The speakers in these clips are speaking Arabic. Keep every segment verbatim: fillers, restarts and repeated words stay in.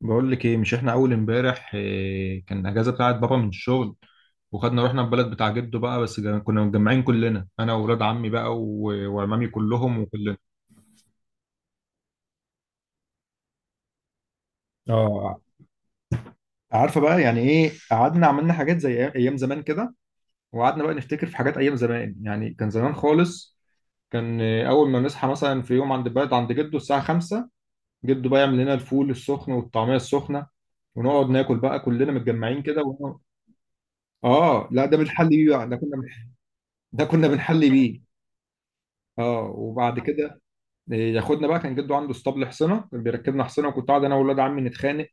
بقول لك ايه، مش احنا اول امبارح إيه كان اجازه بتاعت بابا من الشغل، وخدنا رحنا البلد بتاع جده بقى. بس جا- كنا متجمعين كلنا، انا واولاد عمي بقى و- وعمامي كلهم وكلنا. اه عارفه بقى يعني ايه، قعدنا عملنا حاجات زي أي- ايام زمان كده، وقعدنا بقى نفتكر في حاجات ايام زمان. يعني كان زمان خالص. كان إيه، اول ما نصحى مثلا في يوم عند البلد عند جده الساعه خمسة، جده بقى يعمل لنا الفول السخن والطعميه السخنه، ونقعد ناكل بقى كلنا متجمعين كده ونقعد- اه لا، ده بنحل بيه بقى، ده كنا، ده كنا بنحلي بيه. اه وبعد آه. كده ياخدنا بقى. كان جده عنده اسطبل حصنه، كان بيركبنا حصنه، وكنت قاعد انا واولاد عمي نتخانق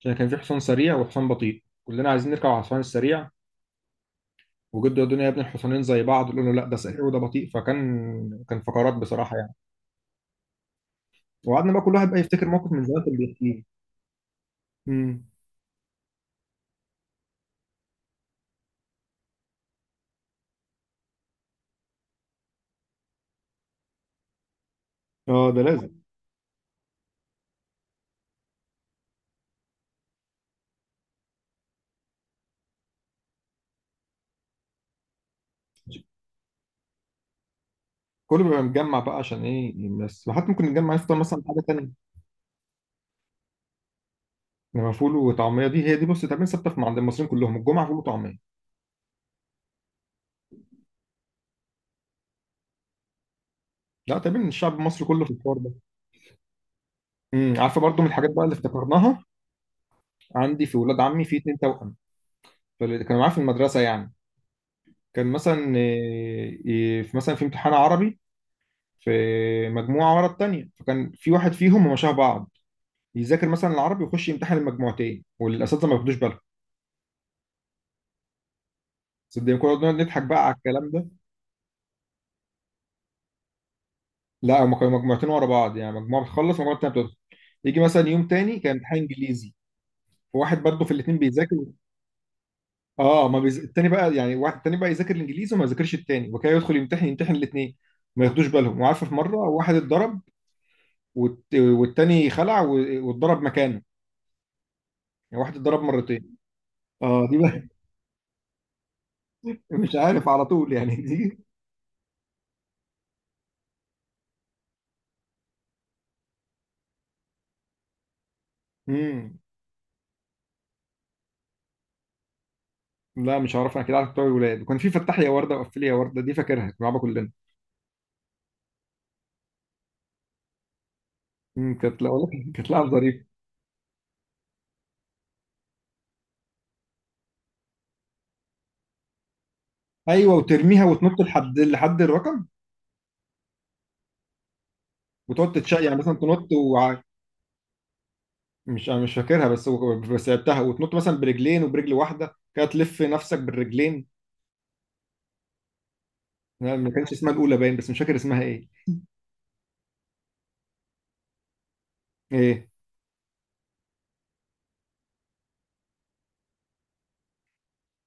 عشان كان في حصان سريع وحصان بطيء، كلنا عايزين نركب على الحصان السريع، وجده يا الدنيا يا ابن الحصانين زي بعض، يقول له لا ده سريع وده بطيء. فكان كان فقرات بصراحه يعني. وقعدنا بقى كل واحد بقى يفتكر موقف من زمان كان بيحكيه. امم. اه ده لازم. كله بيبقى متجمع بقى عشان ايه؟ بس وحتى ممكن نتجمع نفطر مثلا حاجه ثانيه، انما فول وطعميه دي هي دي، بص، تقريبا ثابته في- عند المصريين كلهم، الجمعه فول وطعميه. لا، تقريبا الشعب المصري كله في الحوار ده. امم. عارفه برضو من الحاجات بقى اللي افتكرناها، عندي في ولاد عمي في اتنين توأم، فاللي كانوا معايا في المدرسه يعني، كان مثلا إيه، إيه، في مثلا في امتحان عربي، في مجموعه ورا التانيه، فكان في واحد فيهم، هما شبه بعض، يذاكر مثلا العربي ويخش يمتحن المجموعتين والاساتذه ما ياخدوش بالهم. صدقني كنا بنقعد نضحك بقى على الكلام ده. لا، هما كانوا مجموعتين ورا بعض، يعني مجموعه بتخلص ومجموعه تانيه بتدخل. يجي مثلا يوم تاني كان امتحان انجليزي، فواحد برضه في الاثنين بيذاكر. اه ما بيز... التاني بقى، يعني واحد التاني بقى يذاكر الانجليزي وما يذاكرش التاني، وكده يدخل يمتحن يمتحن الاثنين، ما ياخدوش بالهم. وعارفه في مره واحد اتضرب، والت... والتاني خلع و... واتضرب مكانه، يعني واحد اتضرب مرتين. اه دي بقى. مش عارف على طول يعني دي. امم. لا مش عارف، انا كده عارف بتوع الولاد، وكان في فتح لي يا ورده وقفل لي يا ورده، دي فاكرها، كنا بنلعبها كلنا. امم، كانت، لا والله كانت لعبه ظريفه. ايوه، وترميها وتنط لحد لحد الرقم، وتقعد تتشق يعني مثلا تنط. مش انا مش فاكرها، بس بس لعبتها، وتنط مثلا برجلين وبرجل واحده كده، تلف نفسك بالرجلين. لا، ما كانش اسمها الاولى باين، بس مش فاكر اسمها ايه. ايه؟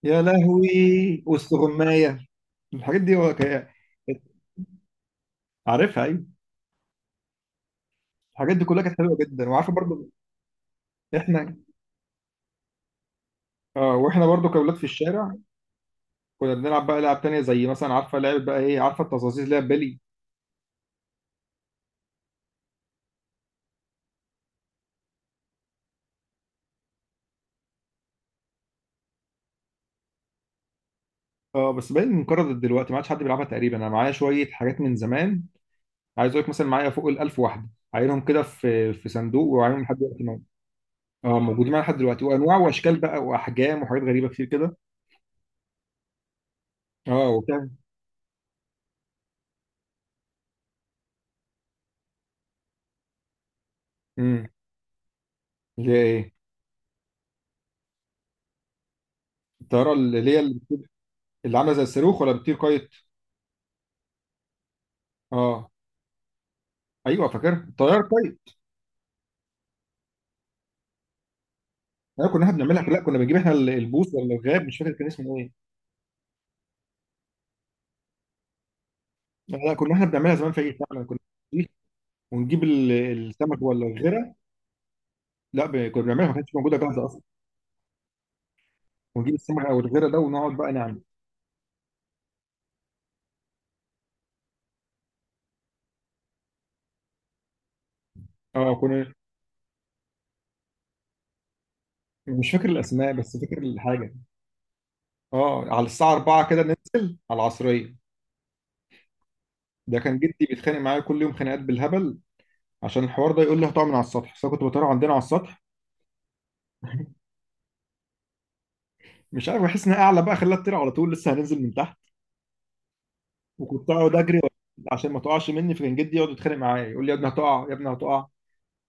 يا لهوي، والسغمايه، الحاجات دي هو ك- عارفها ايوه. الحاجات دي كلها كانت حلوه جدا. وعارفه برضو احنا، اه واحنا برضو كاولاد في الشارع، كنا بنلعب بقى لعب تانية، زي مثلا عارفه لعبه بقى ايه، عارفه التظاظيز اللي هي بلي. اه بس باين انقرضت دلوقتي، ما عادش حد بيلعبها تقريبا. انا معايا شويه حاجات من زمان، عايز اقول لك مثلا معايا فوق ال الألف واحده، عاينهم كده في في صندوق وعاينهم لحد دلوقتي مو- اه موجودين معايا لحد دلوقتي، وانواع واشكال بقى واحجام وحاجات غريبه كتير كده. اه وبتاع. امم، اللي هي ايه؟ الطياره اللي اللي هي، اللي عامله زي الصاروخ ولا بتطير كايت؟ اه ايوه، فاكر الطياره كايت. لا كنا احنا بنعملها، لا كنا بنجيب احنا ال- البوص ولا الغاب، مش فاكر كان اسمه ايه. لا لا، كنا احنا بنعملها زمان في اي، فعلا كنا بنجيب- ونجيب ال- السمك ولا الغيره. لا ب- كنا بنعملها، ما كانتش موجوده جاهزه اصلا. ونجيب السمك او الغيره ده، ونقعد بقى نعمل. اه كنا، مش فاكر الاسماء بس فاكر الحاجه. اه على الساعه أربعة كده ننزل على العصريه، ده كان جدي بيتخانق معايا كل يوم خناقات بالهبل عشان الحوار ده، يقول لي هتقع من على السطح، بس أنا كنت بطير عندنا على السطح. مش عارف، بحس ان أنا اعلى بقى، خلاها تطير على طول، لسه هننزل من تحت. وكنت اقعد اجري عشان ما تقعش مني، فكان جدي يقعد يتخانق معايا يقول لي يا ابني هتقع، يا ابني هتقع.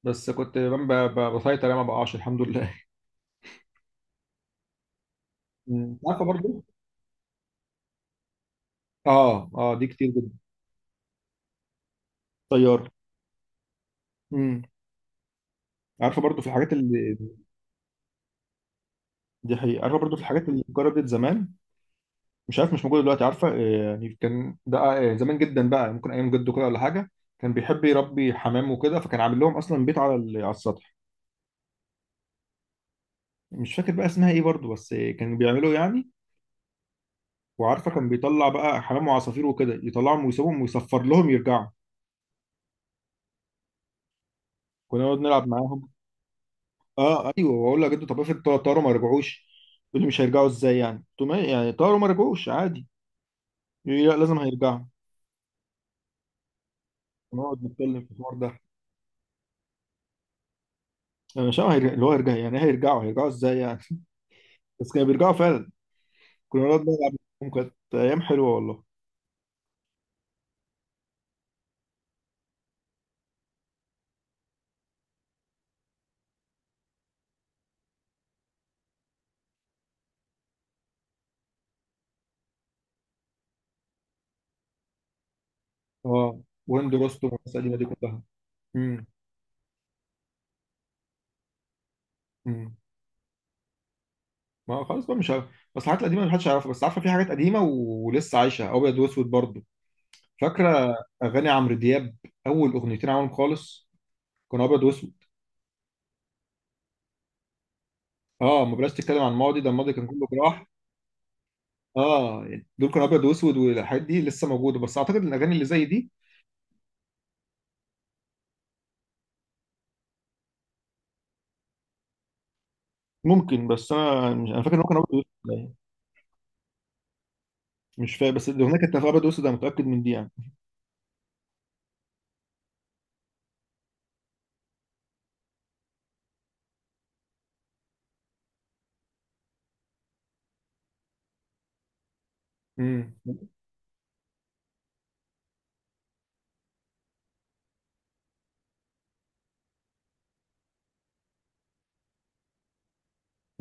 بس كنت ب- ب- بسيطر يعني، ما بقعش الحمد لله. أمم. عارفه برضو، اه اه دي كتير جدا، طيار. امم. عارفه برضو في الحاجات اللي، دي حقيقة. عارفه برضو في الحاجات اللي اتجربت زمان، مش عارف مش موجود دلوقتي. عارفه آه، يعني كان ده آه، زمان جدا بقى، ممكن ايام جده كده ولا حاجه، كان بيحب يربي حمام وكده، فكان عامل لهم اصلا بيت على ال- على السطح. مش فاكر بقى اسمها ايه برضو، بس آه، كانوا بيعملوا يعني. وعارفه كان بيطلع بقى حمام وعصافير وكده، يطلعهم ويسيبهم ويصفر لهم يرجعوا. كنا نقعد نلعب معاهم. اه ايوه، واقول له يا جدو طب افرض طار- طاروا ما رجعوش، يقول لي مش هيرجعوا ازاي يعني. قلت له ما- يعني طاروا ما رجعوش عادي، يقول لي لا، لازم هيرجعوا. نقعد نتكلم في الحوار ده، انا مش عارف هيرج- اللي هو يرجع يعني إيه، هيرجعوا، هيرجعوا ازاي يعني. بس كانوا بيرجعوا فعلا، كنا نقعد نلعب معاهم، كانت ايام حلوه والله. اه وهند رستم والناس القديمه دي كلها. امم. امم. ما خلاص بقى مش عارف، بس الحاجات القديمه محدش يعرفها. بس عارفه في حاجات قديمه و- ولسه عايشه ابيض واسود برضه، فاكره اغاني عمرو دياب، اول اغنيتين عملهم خالص كانوا ابيض واسود. اه، ما بلاش تتكلم عن الماضي، ده الماضي كان كله جراح. اه يعني دول كانوا ابيض واسود، والحاجات دي لسه موجوده، بس اعتقد إن الاغاني اللي زي دي، ممكن. بس انا مش انا فاكر ان هو كان ابيض واسود يعني. مش فاهم، بس الاغنيه كانت ابيض واسود، انا متاكد من دي يعني.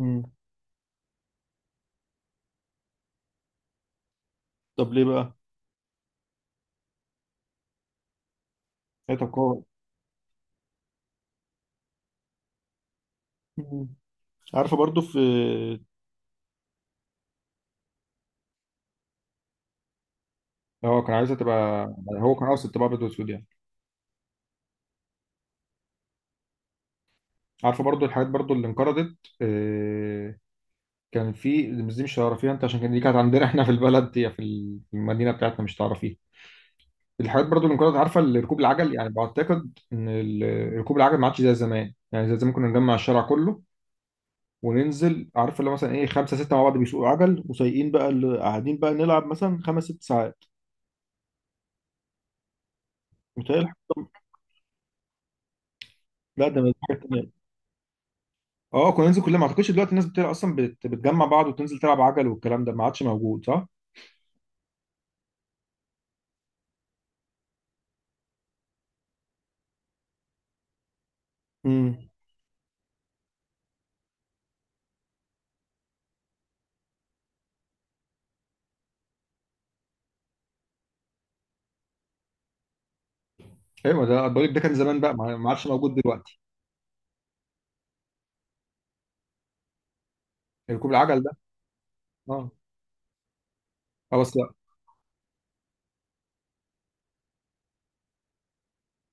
امم. طب ليه بقى؟ هي تقاعد. مم. عارفه برضو في، هو كان عايزها تبقى، هو كان قاصد تبقى ابيض واسود يعني. عارفه برضو الحاجات برضو اللي انقرضت، آه، كان في، بس دي مش هتعرفيها انت، عشان كان دي كانت عندنا، احنا في البلد، هي في المدينه بتاعتنا مش هتعرفيها. الحاجات برضو اللي انقرضت عارفه، اللي ركوب العجل، يعني بعتقد ان ال- ركوب العجل ما عادش زي زمان، يعني زي زمان كنا نجمع الشارع كله وننزل، عارفه اللي هو مثلا ايه، خمسه سته مع بعض بيسوقوا عجل، وسايقين بقى، اللي قاعدين بقى نلعب مثلا خمس ست ساعات. متهيألي الحاجات- دي- لا ده حاجه. اه كنا ننزل كلنا، ما اعتقدش دلوقتي الناس بتلعب اصلا، بت- بتجمع بعض وتنزل تلعب عجل، والكلام ده ما عادش موجود، صح؟ امم. ايوه ده بقول لك، ده كان زمان بقى، ما ما عادش موجود دلوقتي. ركوب العجل ده. اه اه، بس لا.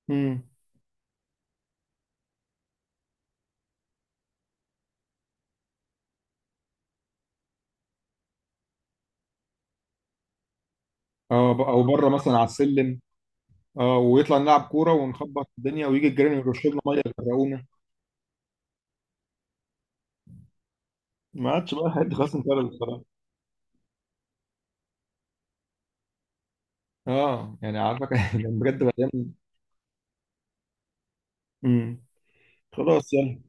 امم. اه ب- او بره مثلا على السلم. اه ويطلع نلعب كوره ونخبط الدنيا، ويجي الجيران يرش لنا ميه يغرقونا. ما عادش بقى الحاجات دي، خلاص انتهت بصراحه. اه يعني عارفك، كان بجد بقى ايام. امم. خلاص يلا.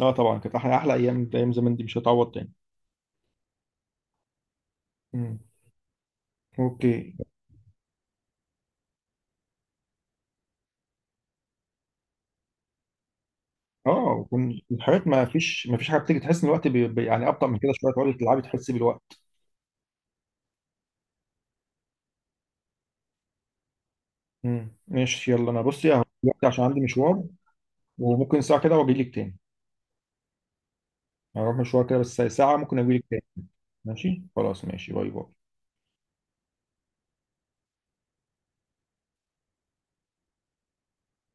اه طبعا كانت احلى، احلى ايام، ايام زمان دي مش هتعوض تاني. امم. اوكي. اه وكن- الحاجات، ما فيش ما فيش حاجه بتيجي، تحس ان الوقت بي بي- يعني ابطا من كده شويه، تقعدي تلعبي تحسي بالوقت. امم ماشي، يلا انا بصي اهو دلوقتي عشان عندي مشوار، وممكن ساعه كده واجي لك تاني. هروح مشوار كده، بس ساعه ممكن اجي لك تاني. ماشي خلاص، ماشي، باي باي.